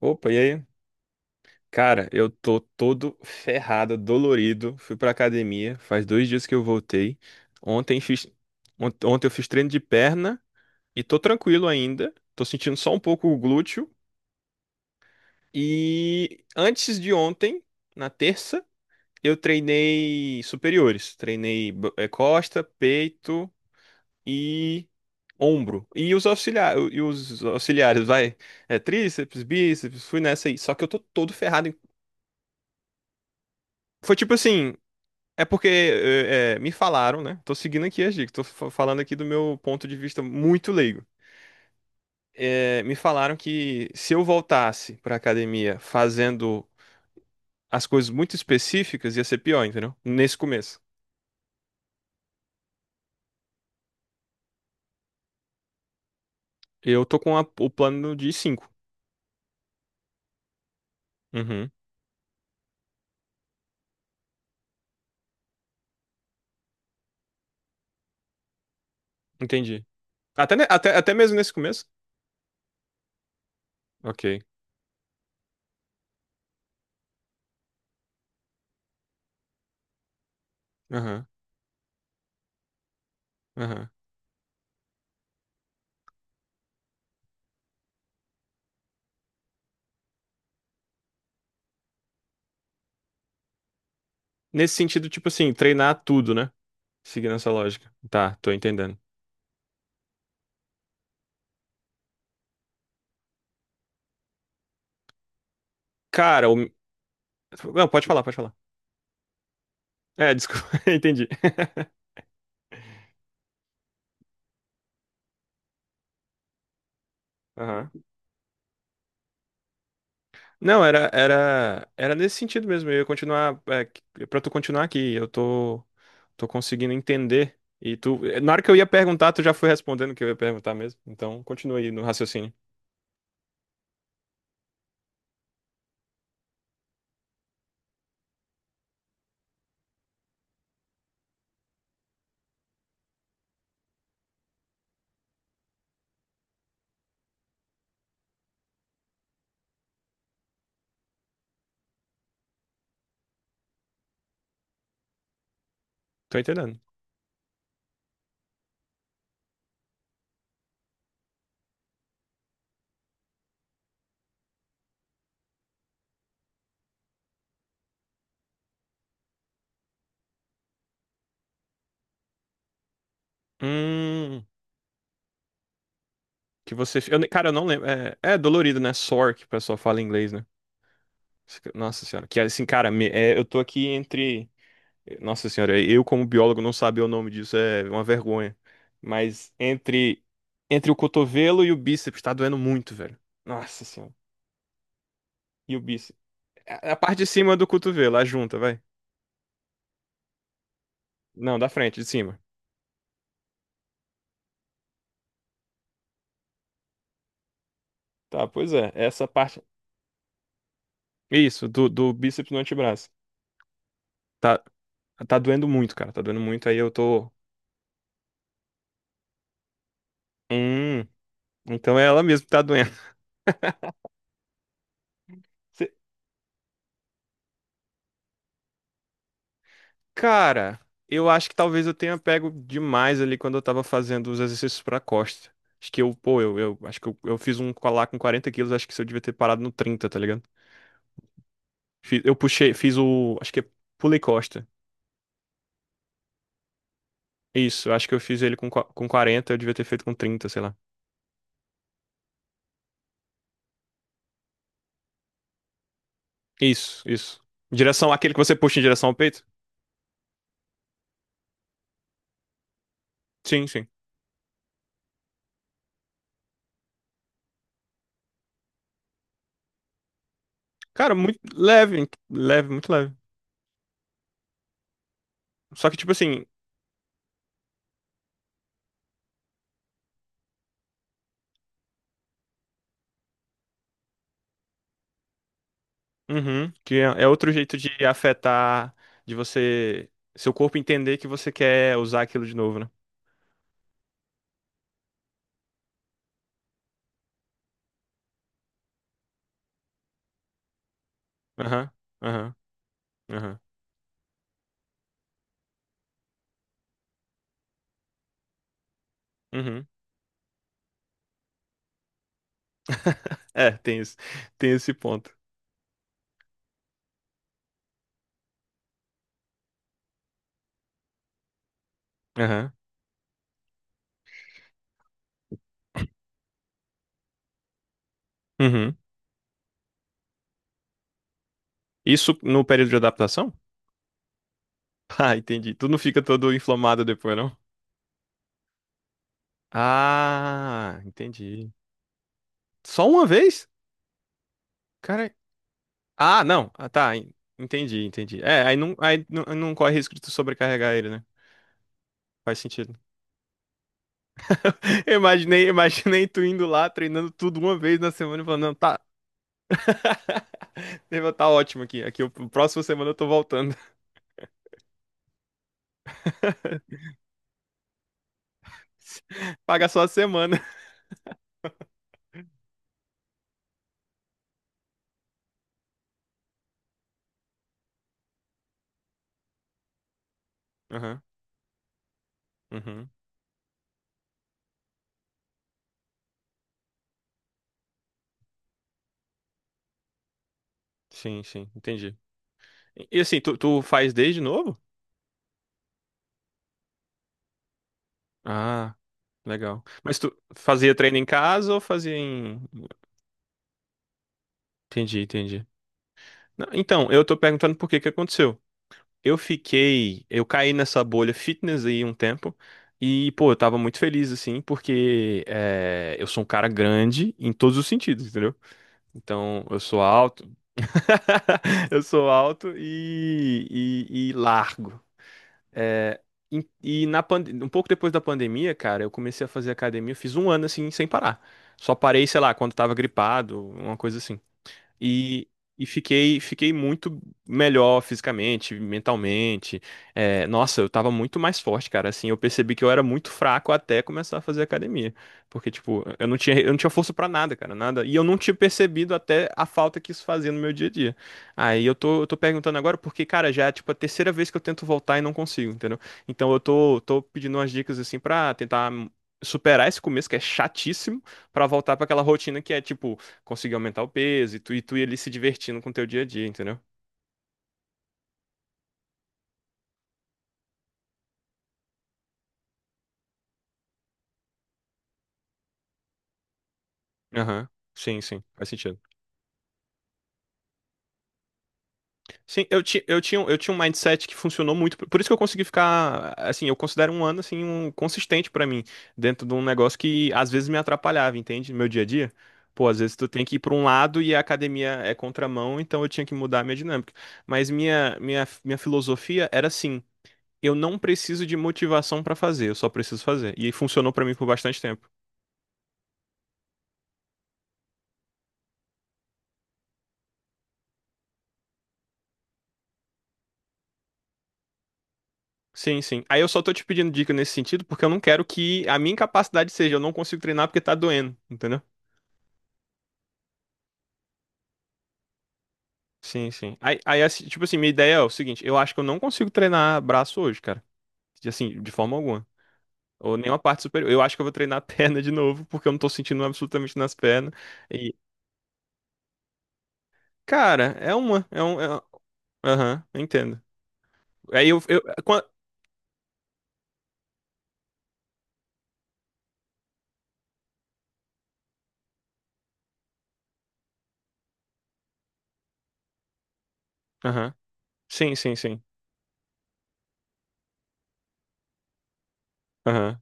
Opa, e aí? Cara, eu tô todo ferrado, dolorido. Fui pra academia, faz 2 dias que eu voltei. Ontem fiz, ontem eu fiz treino de perna e tô tranquilo ainda. Tô sentindo só um pouco o glúteo. E antes de ontem, na terça, eu treinei superiores. Treinei costa, peito e ombro. E os auxiliares, vai. É, tríceps, bíceps, fui nessa aí. Só que eu tô todo ferrado. Foi tipo assim. É porque me falaram, né? Tô seguindo aqui as dicas, tô falando aqui do meu ponto de vista muito leigo. Me falaram que se eu voltasse pra academia fazendo as coisas muito específicas, ia ser pior, entendeu? Nesse começo. Eu tô com o plano de cinco. Uhum, entendi. Até mesmo nesse começo? Ok. Aham, aham. Nesse sentido, tipo assim, treinar tudo, né? Seguindo essa lógica. Tá, tô entendendo. Cara. Não, pode falar, pode falar. É, desculpa, entendi. Aham. Não, era nesse sentido mesmo. Eu ia continuar, para tu continuar aqui, eu tô conseguindo entender. E tu, na hora que eu ia perguntar, tu já foi respondendo o que eu ia perguntar mesmo. Então, continua aí no raciocínio. Tô entendendo. Hum, que você, eu, ne- cara, eu não lembro. É dolorido, né? Sore, que o pessoal fala em inglês, né? Nossa senhora, que assim, cara, eu tô aqui entre. Nossa senhora, eu como biólogo não saber o nome disso é uma vergonha. Mas entre o cotovelo e o bíceps tá doendo muito, velho. Nossa senhora. E o bíceps? A parte de cima do cotovelo, a junta, vai. Não, da frente, de cima. Tá, pois é, essa parte. Isso, do bíceps no antebraço. Tá, tá doendo muito, cara, tá doendo muito. Aí eu tô. Hum, então é ela mesmo que tá doendo. Cara, eu acho que talvez eu tenha pego demais ali quando eu tava fazendo os exercícios pra costa. Acho que eu, pô, eu acho que eu fiz um colar com 40 quilos. Acho que eu devia ter parado no 30, tá ligado? Eu puxei, fiz o, acho que é, pulei costa. Isso, eu acho que eu fiz ele com, com 40. Eu devia ter feito com 30, sei lá. Isso, isso. Direção, aquele que você puxa em direção ao peito? Sim, sim. Cara, muito leve, leve, muito leve. Só que, tipo assim, uhum, que é outro jeito de afetar, de você, seu corpo entender que você quer usar aquilo de novo, né? Aham, aham, aham, uhum. É, tem isso, tem esse ponto. Aham, uhum. Isso no período de adaptação? Ah, entendi. Tu não fica todo inflamado depois, não? Ah, entendi. Só uma vez? Cara, ah, não, ah, tá, entendi, entendi. É, aí não, não corre risco de tu sobrecarregar ele, né? Faz sentido. Eu imaginei tu indo lá, treinando tudo uma vez na semana e falando, não, tá, nível tá ótimo aqui. Aqui, o próxima semana eu tô voltando. Paga só a semana. Aham, uhum. Sim, sim, entendi. E assim, tu faz desde novo? Ah, legal. Mas tu fazia treino em casa ou fazia em... Entendi, entendi. Não, então, eu tô perguntando por que que aconteceu. Eu caí nessa bolha fitness aí um tempo e, pô, eu tava muito feliz assim, porque eu sou um cara grande em todos os sentidos, entendeu? Então, eu sou alto, eu sou alto e, largo. É, e, na um pouco depois da pandemia, cara, eu comecei a fazer academia. Eu fiz um ano assim, sem parar. Só parei, sei lá, quando tava gripado, uma coisa assim. E, e fiquei muito melhor fisicamente, mentalmente. É, nossa, eu tava muito mais forte, cara. Assim, eu percebi que eu era muito fraco até começar a fazer academia. Porque, tipo, eu não tinha força pra nada, cara, nada. E eu não tinha percebido até a falta que isso fazia no meu dia a dia. Aí eu tô perguntando agora porque, cara, já é, tipo, a terceira vez que eu tento voltar e não consigo, entendeu? Então eu tô pedindo umas dicas, assim, pra tentar superar esse começo que é chatíssimo, pra voltar pra aquela rotina que é, tipo, conseguir aumentar o peso e tu ir ali se divertindo com o teu dia a dia, entendeu? Aham. Sim, sim, faz sentido. Sim, eu tinha um mindset que funcionou muito. Por isso que eu consegui ficar, assim, eu considero um ano, assim, consistente pra mim, dentro de um negócio que às vezes me atrapalhava, entende? No meu dia a dia. Pô, às vezes tu tem que ir pra um lado e a academia é contramão, então eu tinha que mudar a minha dinâmica. Mas minha filosofia era assim, eu não preciso de motivação pra fazer, eu só preciso fazer. E funcionou pra mim por bastante tempo. Sim, sim. Aí eu só tô te pedindo dica nesse sentido porque eu não quero que a minha incapacidade seja eu não consigo treinar porque tá doendo, entendeu? Sim, sim. Aí assim, tipo assim, minha ideia é o seguinte: eu acho que eu não consigo treinar braço hoje, cara. Assim, de forma alguma. Ou nenhuma parte superior. Eu acho que eu vou treinar a perna de novo porque eu não tô sentindo absolutamente nas pernas. E, cara, é uma, é um- aham, eu entendo. Aí eu, quan- aham. Sim, sim, sim. Aham.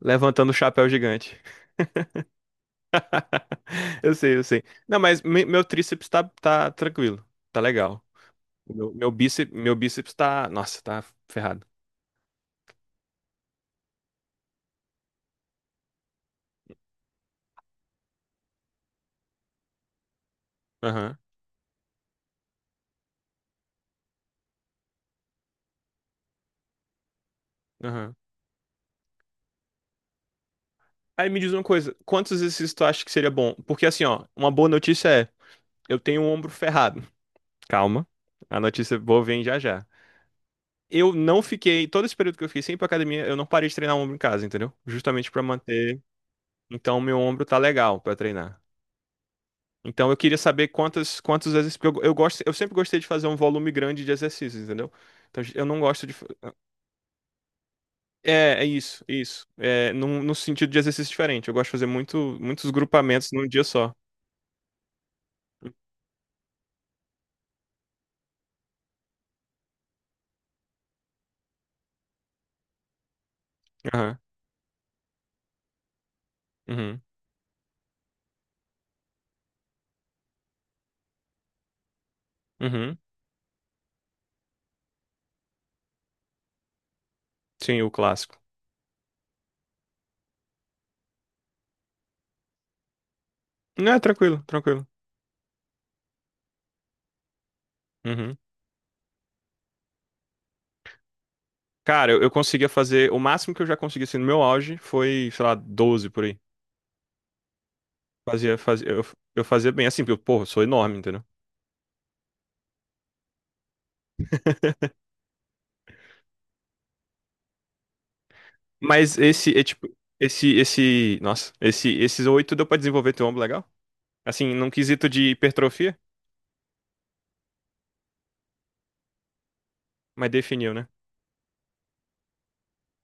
Levantando o chapéu gigante. Eu sei, eu sei. Não, mas meu tríceps tá, tá tranquilo. Tá legal. Meu bíceps tá. Nossa, tá ferrado. Aham, aham. Aí me diz uma coisa: quantos exercícios tu acha que seria bom? Porque assim, ó, uma boa notícia é: eu tenho o ombro ferrado. Calma. A notícia boa vem já já. Eu não fiquei. Todo esse período que eu fiquei sem ir pra academia, eu não parei de treinar o ombro em casa, entendeu? Justamente pra manter. Então, meu ombro tá legal pra treinar. Então eu queria saber quantas quantos exercícios. Porque eu gosto, eu sempre gostei de fazer um volume grande de exercícios, entendeu? Então eu não gosto de. É, é isso, isso. É, no sentido de exercício diferente. Eu gosto de fazer muitos grupamentos num dia só. Aham. Uhum. Uhum. Sim, o clássico. Não, é tranquilo, tranquilo. Uhum. Cara, eu conseguia fazer. O máximo que eu já consegui assim, no meu auge foi, sei lá, 12 por aí. Fazia, fazia, eu, eu fazia bem, assim, porque, eu, porra, eu sou enorme, entendeu? Mas esse é tipo. Esse, esse. Nossa, esses 8 deu pra desenvolver teu ombro legal? Assim, num quesito de hipertrofia, mas definiu, né?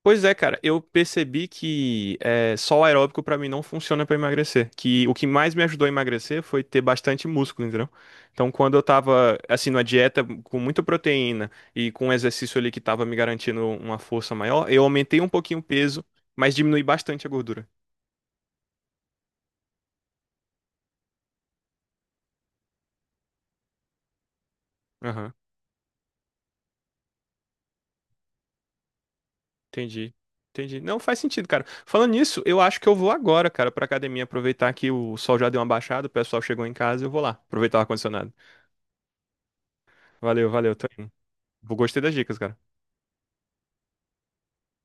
Pois é, cara, eu percebi que só o aeróbico pra mim não funciona pra emagrecer. Que o que mais me ajudou a emagrecer foi ter bastante músculo, entendeu? Então, quando eu tava, assim, numa dieta com muita proteína e com um exercício ali que tava me garantindo uma força maior, eu aumentei um pouquinho o peso, mas diminui bastante a gordura. Entendi. Entendi. Não faz sentido, cara. Falando nisso, eu acho que eu vou agora, cara, pra academia aproveitar que o sol já deu uma baixada, o pessoal chegou em casa, eu vou lá aproveitar o ar-condicionado. Valeu, valeu, tô indo. Gostei das dicas, cara.